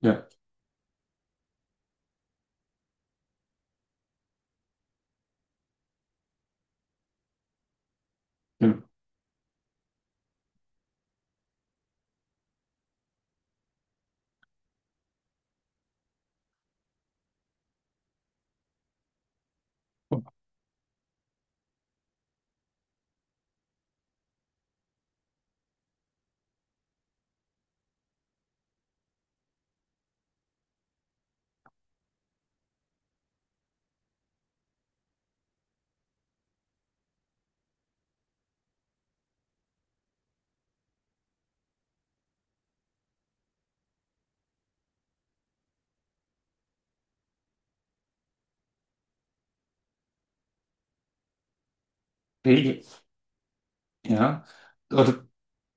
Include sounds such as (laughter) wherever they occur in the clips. Ja, ja. Okay, ja. Oder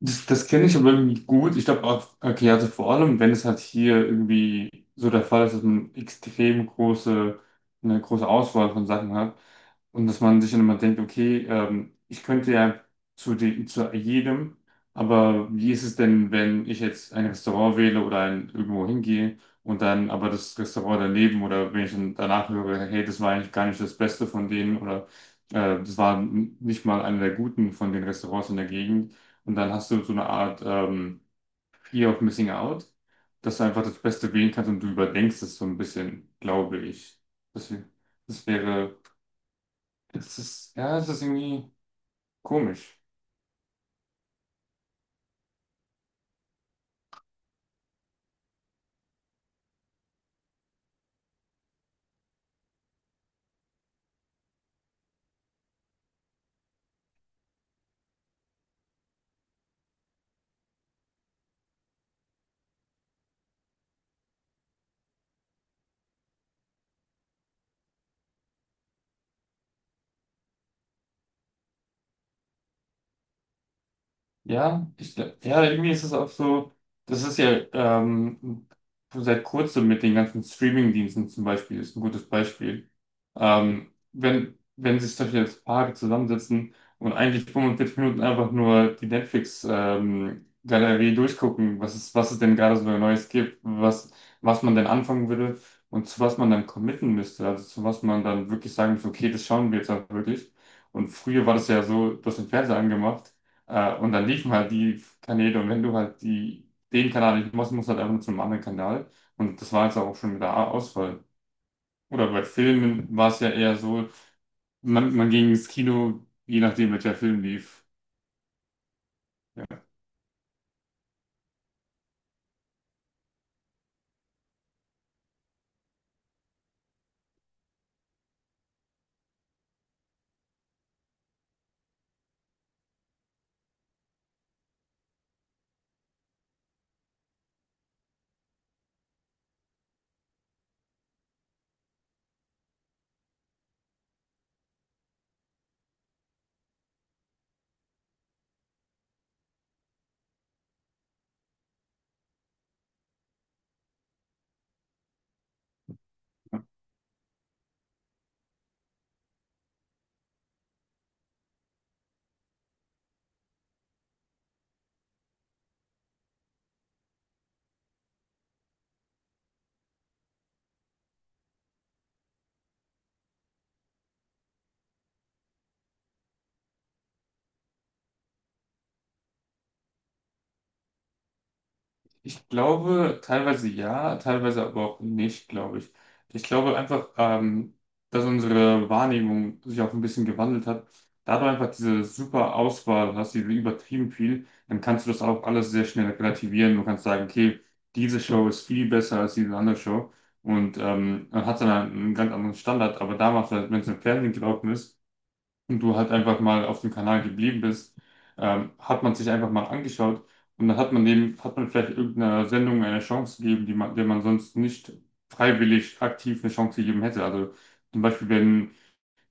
Das kenne ich aber irgendwie gut. Ich glaube auch, okay, also vor allem, wenn es halt hier irgendwie so der Fall ist, dass man extrem große, eine große Auswahl von Sachen hat und dass man sich dann immer denkt, okay, ich könnte ja zu dem, zu jedem, aber wie ist es denn, wenn ich jetzt ein Restaurant wähle oder ein, irgendwo hingehe und dann aber das Restaurant daneben oder wenn ich dann danach höre, hey, das war eigentlich gar nicht das Beste von denen oder das war nicht mal einer der guten von den Restaurants in der Gegend und dann hast du so eine Art Fear of Missing Out, dass du einfach das Beste wählen kannst und du überdenkst es so ein bisschen, glaube ich. Das, wär- Das wäre, das ist, ja, es ist irgendwie komisch. Ja, ja, irgendwie ist es auch so, das ist ja seit kurzem mit den ganzen Streaming-Diensten zum Beispiel, ist ein gutes Beispiel. Wenn sich solche jetzt Paare zusammensetzen und eigentlich 45 Minuten einfach nur die Netflix-Galerie durchgucken, was es denn gerade so Neues gibt, was, was man denn anfangen würde und zu was man dann committen müsste, also zu was man dann wirklich sagen müsste, okay, das schauen wir jetzt auch wirklich. Und früher war das ja so, du hast den Fernseher angemacht, und dann liefen halt die Kanäle, und wenn du halt die, den Kanal nicht machst, musst du halt einfach nur zum anderen Kanal, und das war jetzt auch schon mit der Auswahl. Oder bei Filmen war es ja eher so, man ging ins Kino, je nachdem, welcher Film lief. Ich glaube, teilweise ja, teilweise aber auch nicht, glaube ich. Ich glaube einfach, dass unsere Wahrnehmung sich auch ein bisschen gewandelt hat. Da du einfach diese super Auswahl hast, diese übertrieben viel, dann kannst du das auch alles sehr schnell relativieren. Du kannst sagen, okay, diese Show ist viel besser als diese andere Show. Und man hat dann einen ganz anderen Standard. Aber damals, wenn es im Fernsehen gelaufen ist, und du halt einfach mal auf dem Kanal geblieben bist, hat man sich einfach mal angeschaut, und dann hat man dem, hat man vielleicht irgendeiner Sendung eine Chance gegeben, die man, der man sonst nicht freiwillig aktiv eine Chance gegeben hätte. Also zum Beispiel, wenn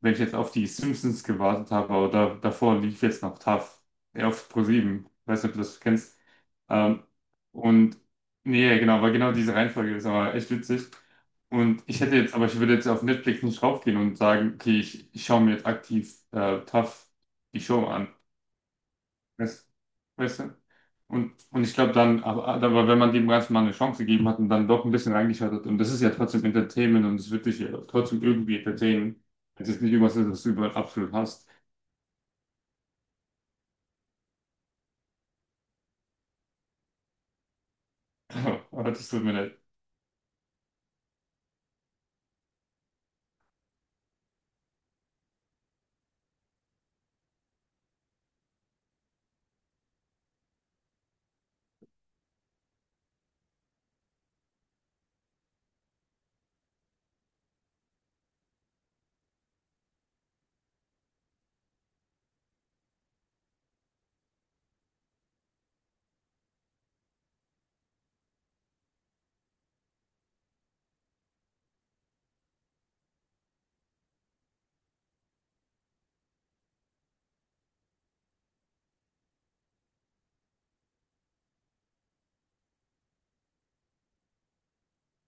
wenn ich jetzt auf die Simpsons gewartet habe, aber da, davor lief jetzt noch Taff, ja, auf ProSieben. Weiß nicht, ob du das kennst. Ähm, und nee, genau, weil genau diese Reihenfolge ist aber echt witzig. Und ich hätte jetzt, aber ich würde jetzt auf Netflix nicht raufgehen und sagen, okay, ich schaue mir jetzt aktiv Taff die Show an. Weißt, weißt du? Und ich glaube dann, aber wenn man dem Ganzen mal eine Chance gegeben hat und dann doch ein bisschen reingeschaut hat, und das ist ja trotzdem Entertainment und es wird dich ja trotzdem irgendwie entertainen, es ist nicht irgendwas, was du über den Apfel hast. (laughs) Aber das tut mir leid.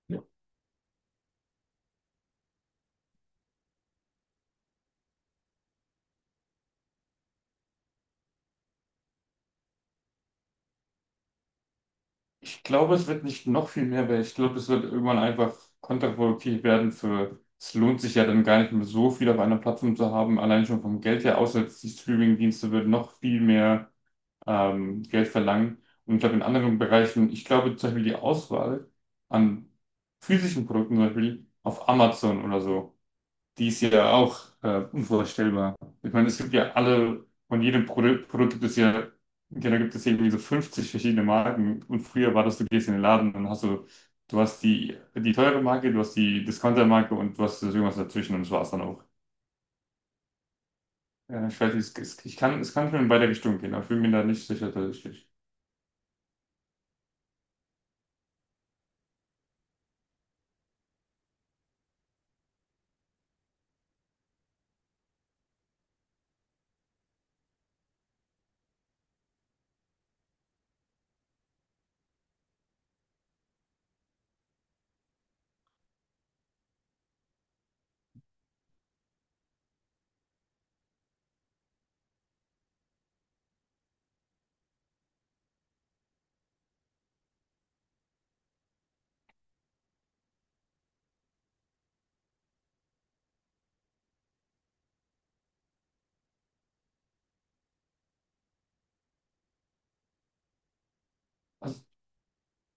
Ja. Ich glaube, es wird nicht noch viel mehr, weil ich glaube, es wird irgendwann einfach kontraproduktiv werden für, es lohnt sich ja dann gar nicht mehr so viel auf einer Plattform zu haben, allein schon vom Geld her, außer die Streaming-Dienste würden noch viel mehr Geld verlangen. Und ich glaube, in anderen Bereichen, ich glaube zum Beispiel die Auswahl an physischen Produkten, zum Beispiel auf Amazon oder so, die ist ja auch unvorstellbar. Ich meine, es gibt ja alle, von jedem Produkt, Produkt gibt es ja, ja, da gibt es irgendwie so 50 verschiedene Marken. Und früher war das, du gehst in den Laden und hast so, du hast die, die teure Marke, du hast die Discounter-Marke und du hast irgendwas dazwischen, und das war's dann auch. Ja, ich weiß nicht, ich kann, es kann schon in beide Richtungen gehen, aber ich bin mir da nicht sicher tatsächlich.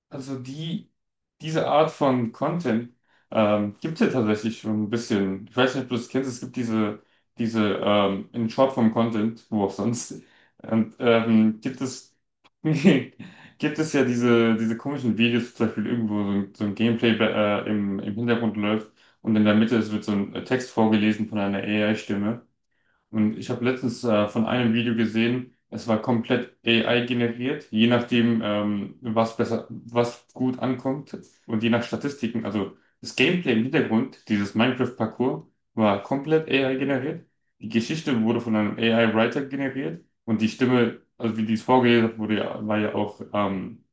Also die, diese Art von Content gibt es ja tatsächlich schon ein bisschen. Ich weiß nicht, ob du das kennst, es gibt diese in Shortform Content, wo auch sonst. Und gibt es, (laughs) gibt es ja diese komischen Videos, zum Beispiel irgendwo so ein Gameplay im, im Hintergrund läuft und in der Mitte es wird so ein Text vorgelesen von einer AI-Stimme. Und ich habe letztens von einem Video gesehen, es war komplett AI generiert, je nachdem, was besser, was gut ankommt und je nach Statistiken. Also das Gameplay im Hintergrund, dieses Minecraft-Parcours, war komplett AI generiert. Die Geschichte wurde von einem AI-Writer generiert, und die Stimme, also wie die es vorgelesen hat, wurde ja, war ja auch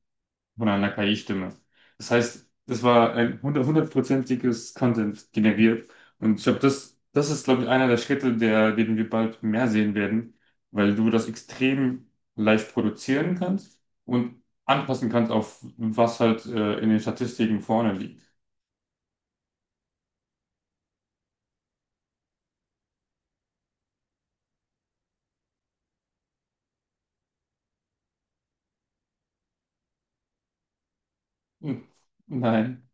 von einer KI-Stimme. Das heißt, das war ein hundertprozentiges Content generiert. Und ich glaube, das, das ist, glaube ich, einer der Schritte, der, den wir bald mehr sehen werden, weil du das extrem leicht produzieren kannst und anpassen kannst auf was halt in den Statistiken vorne liegt. Hm. Nein.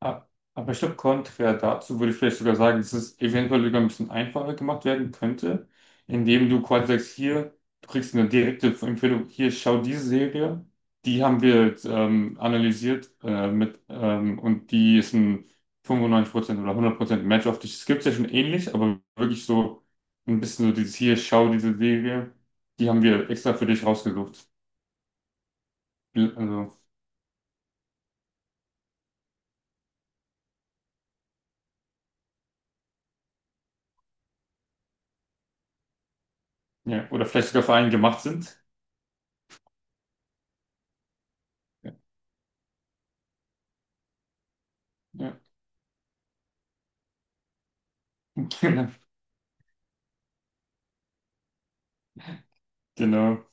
Ah, aber ich glaube, konträr dazu würde ich vielleicht sogar sagen, dass es eventuell sogar ein bisschen einfacher gemacht werden könnte, indem du quasi sagst, hier, du kriegst eine direkte Empfehlung, hier, schau diese Serie, die haben wir jetzt, analysiert mit, und die ist ein 95% oder 100% Match auf dich. Es gibt ja schon ähnlich, aber wirklich so ein bisschen so dieses hier, schau diese Serie, die haben wir extra für dich rausgesucht. Also, ja, oder vielleicht sogar für einen gemacht sind. Ja, (laughs) genau.